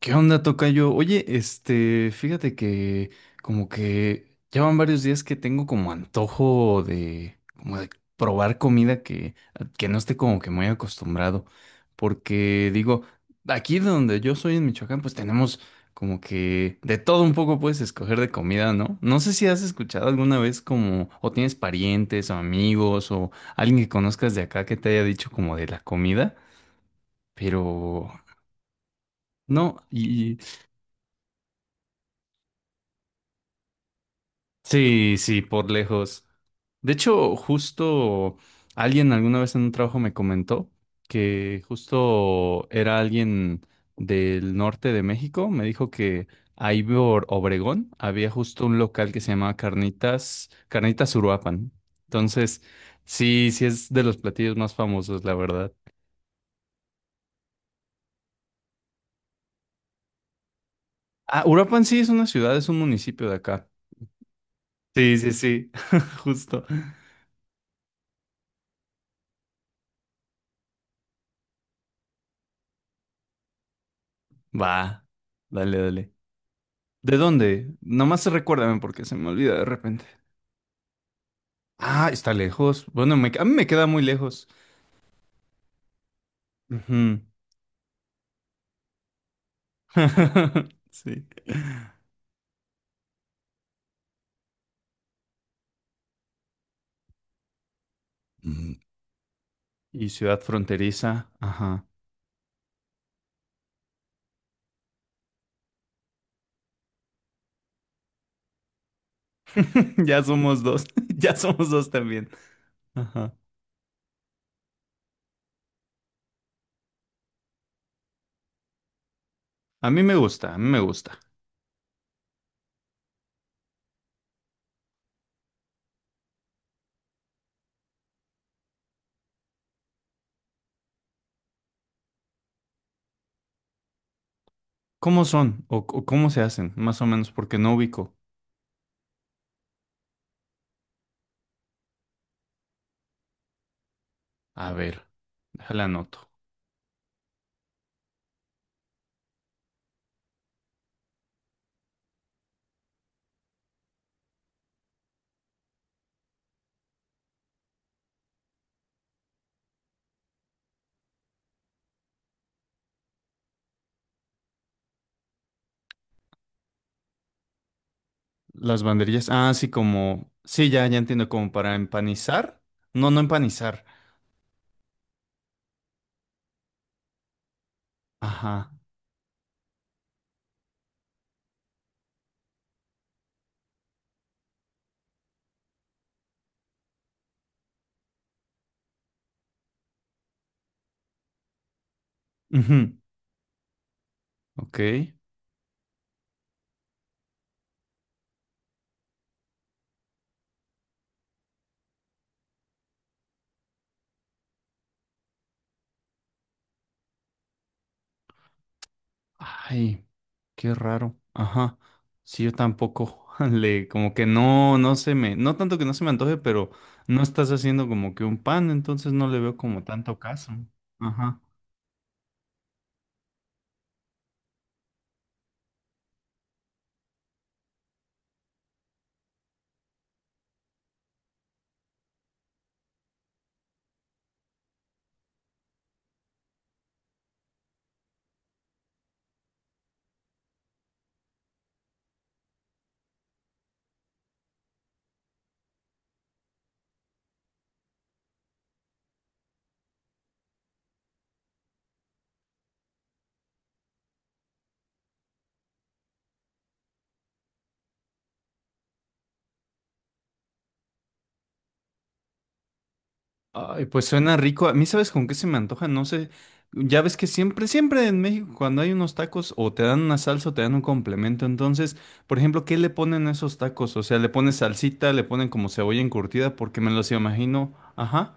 ¿Qué onda, tocayo? Oye, fíjate que como que llevan varios días que tengo como antojo de como de probar comida que no esté como que muy acostumbrado. Porque digo, aquí donde yo soy en Michoacán, pues tenemos como que de todo un poco, puedes escoger de comida, ¿no? No sé si has escuchado alguna vez, como, o tienes parientes o amigos o alguien que conozcas de acá que te haya dicho como de la comida, pero no, y sí, sí, por lejos. De hecho, justo alguien alguna vez en un trabajo me comentó que justo era alguien del norte de México. Me dijo que ahí por Obregón había justo un local que se llamaba Carnitas, Carnitas Uruapan. Entonces, sí, sí es de los platillos más famosos, la verdad. Ah, Uruapan sí es una ciudad, es un municipio de acá. Sí, sí, sí, justo. Va, dale, dale. ¿De dónde? Nomás recuérdame porque se me olvida de repente. Ah, está lejos. Bueno, a mí me queda muy lejos. Ujú. Sí. Mm, Y ciudad fronteriza. Ajá. Ya somos dos. Ya somos dos también. Ajá. A mí me gusta, a mí me gusta. ¿Cómo son? O cómo se hacen? Más o menos, porque no ubico. A ver, déjala anoto. Las banderillas. Ah, sí, como. Sí, ya, ya entiendo, como para empanizar. No, no empanizar. Ajá. Ujú. Ok. Ay, qué raro. Ajá. Sí, yo tampoco. Le, como que no, no se me, no tanto que no se me antoje, pero no estás haciendo como que un pan, entonces no le veo como tanto caso. Ajá. Ay, pues suena rico. A mí, ¿sabes con qué se me antoja? No sé. Ya ves que siempre, siempre en México, cuando hay unos tacos, o te dan una salsa o te dan un complemento. Entonces, por ejemplo, ¿qué le ponen a esos tacos? O sea, le ponen salsita, le ponen como cebolla encurtida, porque me los imagino. Ajá.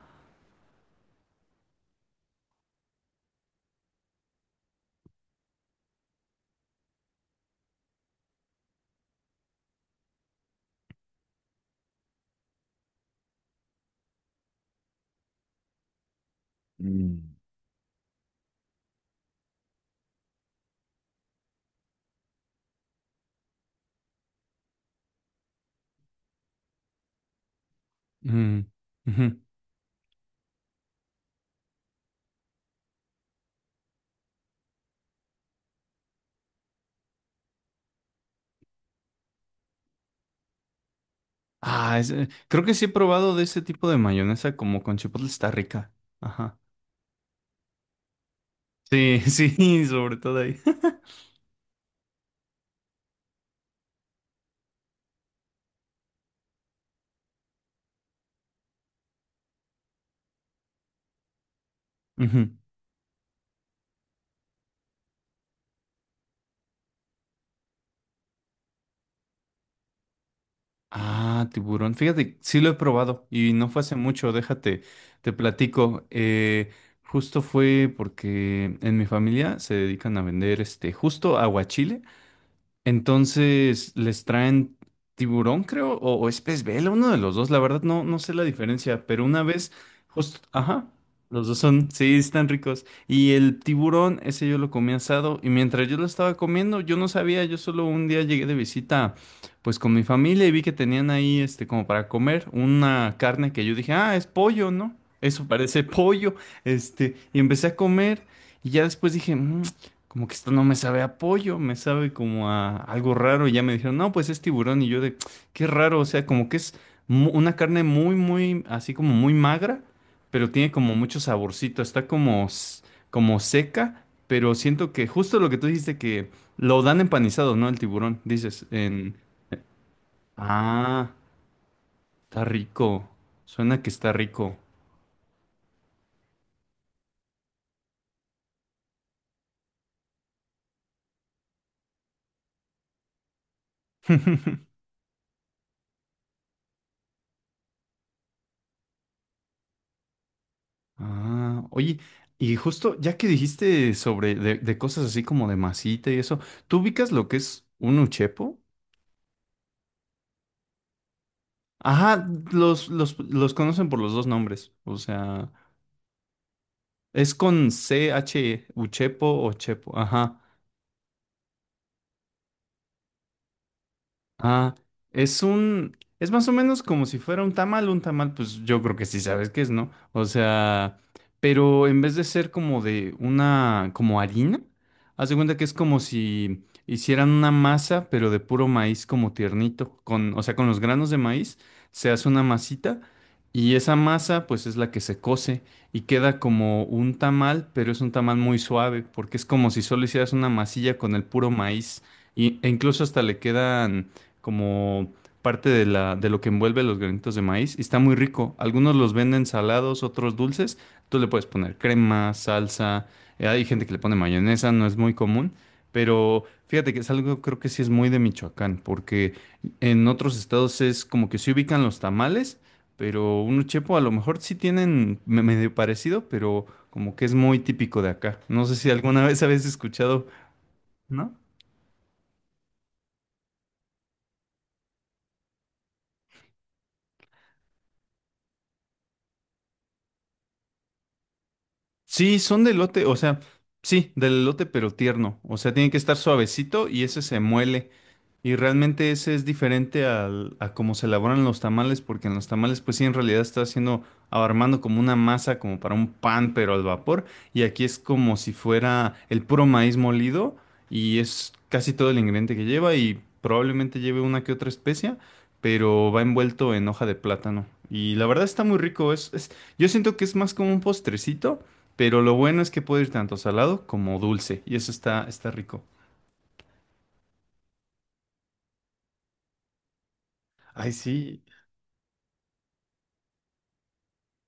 Mm, ujú. Creo que sí he probado de ese tipo de mayonesa como con chipotle, está rica. Ajá. Sí, sí, sobre todo ahí. Ujú. Ah, tiburón. Fíjate, sí lo he probado y no fue hace mucho, déjate, te platico. Justo fue porque en mi familia se dedican a vender justo aguachile. Entonces, les traen tiburón, creo, o es pez vela, uno de los dos. La verdad, no, no sé la diferencia, pero una vez, justo, ajá, los dos son, sí, están ricos. Y el tiburón, ese yo lo comí asado, y mientras yo lo estaba comiendo, yo no sabía, yo solo un día llegué de visita, pues con mi familia, y vi que tenían ahí, este, como para comer, una carne que yo dije, ah, es pollo, ¿no? Eso parece pollo, este, y empecé a comer, y ya después dije, "Mm, como que esto no me sabe a pollo, me sabe como a algo raro". Y ya me dijeron, no, pues es tiburón. Y yo de, qué raro, o sea, como que es una carne muy, muy, así como muy magra, pero tiene como mucho saborcito, está como, como seca, pero siento que justo lo que tú dijiste, que lo dan empanizado, ¿no? El tiburón, dices, en, ah, está rico, suena que está rico. Ah, oye, y justo ya que dijiste sobre de cosas así como de masita y eso, ¿tú ubicas lo que es un uchepo? Ajá, los conocen por los dos nombres, o sea, es con CH, uchepo o chepo, ajá. Ah, es un, es más o menos como si fuera un tamal, pues yo creo que sí sabes qué es, ¿no? O sea, pero en vez de ser como de una, como harina, haz de cuenta que es como si hicieran una masa, pero de puro maíz como tiernito, con, o sea, con los granos de maíz se hace una masita y esa masa pues es la que se cose y queda como un tamal, pero es un tamal muy suave, porque es como si solo hicieras una masilla con el puro maíz y, e incluso hasta le quedan como parte de la, de lo que envuelve los granitos de maíz, y está muy rico. Algunos los venden salados, otros dulces. Tú le puedes poner crema, salsa. Hay gente que le pone mayonesa, no es muy común. Pero fíjate que es algo, creo que sí es muy de Michoacán, porque en otros estados es como que se ubican los tamales, pero uno chepo a lo mejor sí tienen medio parecido, pero como que es muy típico de acá. No sé si alguna vez habéis escuchado, ¿no? Sí, son de elote, o sea, sí, del elote pero tierno. O sea, tiene que estar suavecito y ese se muele. Y realmente ese es diferente al, a cómo se elaboran los tamales, porque en los tamales, pues sí, en realidad está haciendo, armando como una masa, como para un pan, pero al vapor. Y aquí es como si fuera el puro maíz molido, y es casi todo el ingrediente que lleva, y probablemente lleve una que otra especia, pero va envuelto en hoja de plátano. Y la verdad está muy rico, es, yo siento que es más como un postrecito, pero lo bueno es que puede ir tanto salado como dulce, y eso está, está rico. Ay, sí.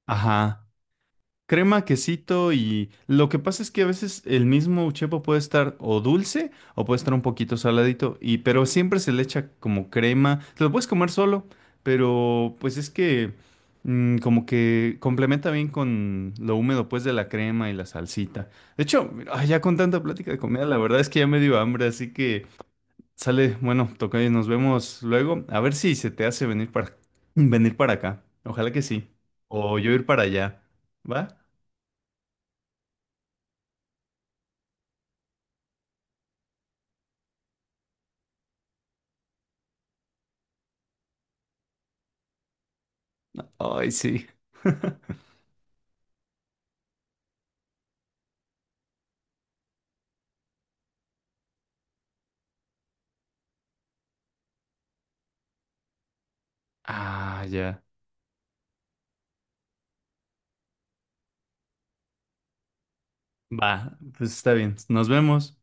Ajá. Crema, quesito y lo que pasa es que a veces el mismo chepo puede estar o dulce o puede estar un poquito saladito y, pero siempre se le echa como crema. Te lo puedes comer solo, pero pues es que como que complementa bien con lo húmedo pues de la crema y la salsita. De hecho, ay, ya con tanta plática de comida, la verdad es que ya me dio hambre, así que sale, bueno, toca y nos vemos luego. A ver si se te hace venir para venir para acá. Ojalá que sí. O yo ir para allá. ¿Va? Ay, sí. Ah, ya. Va, pues está bien. Nos vemos.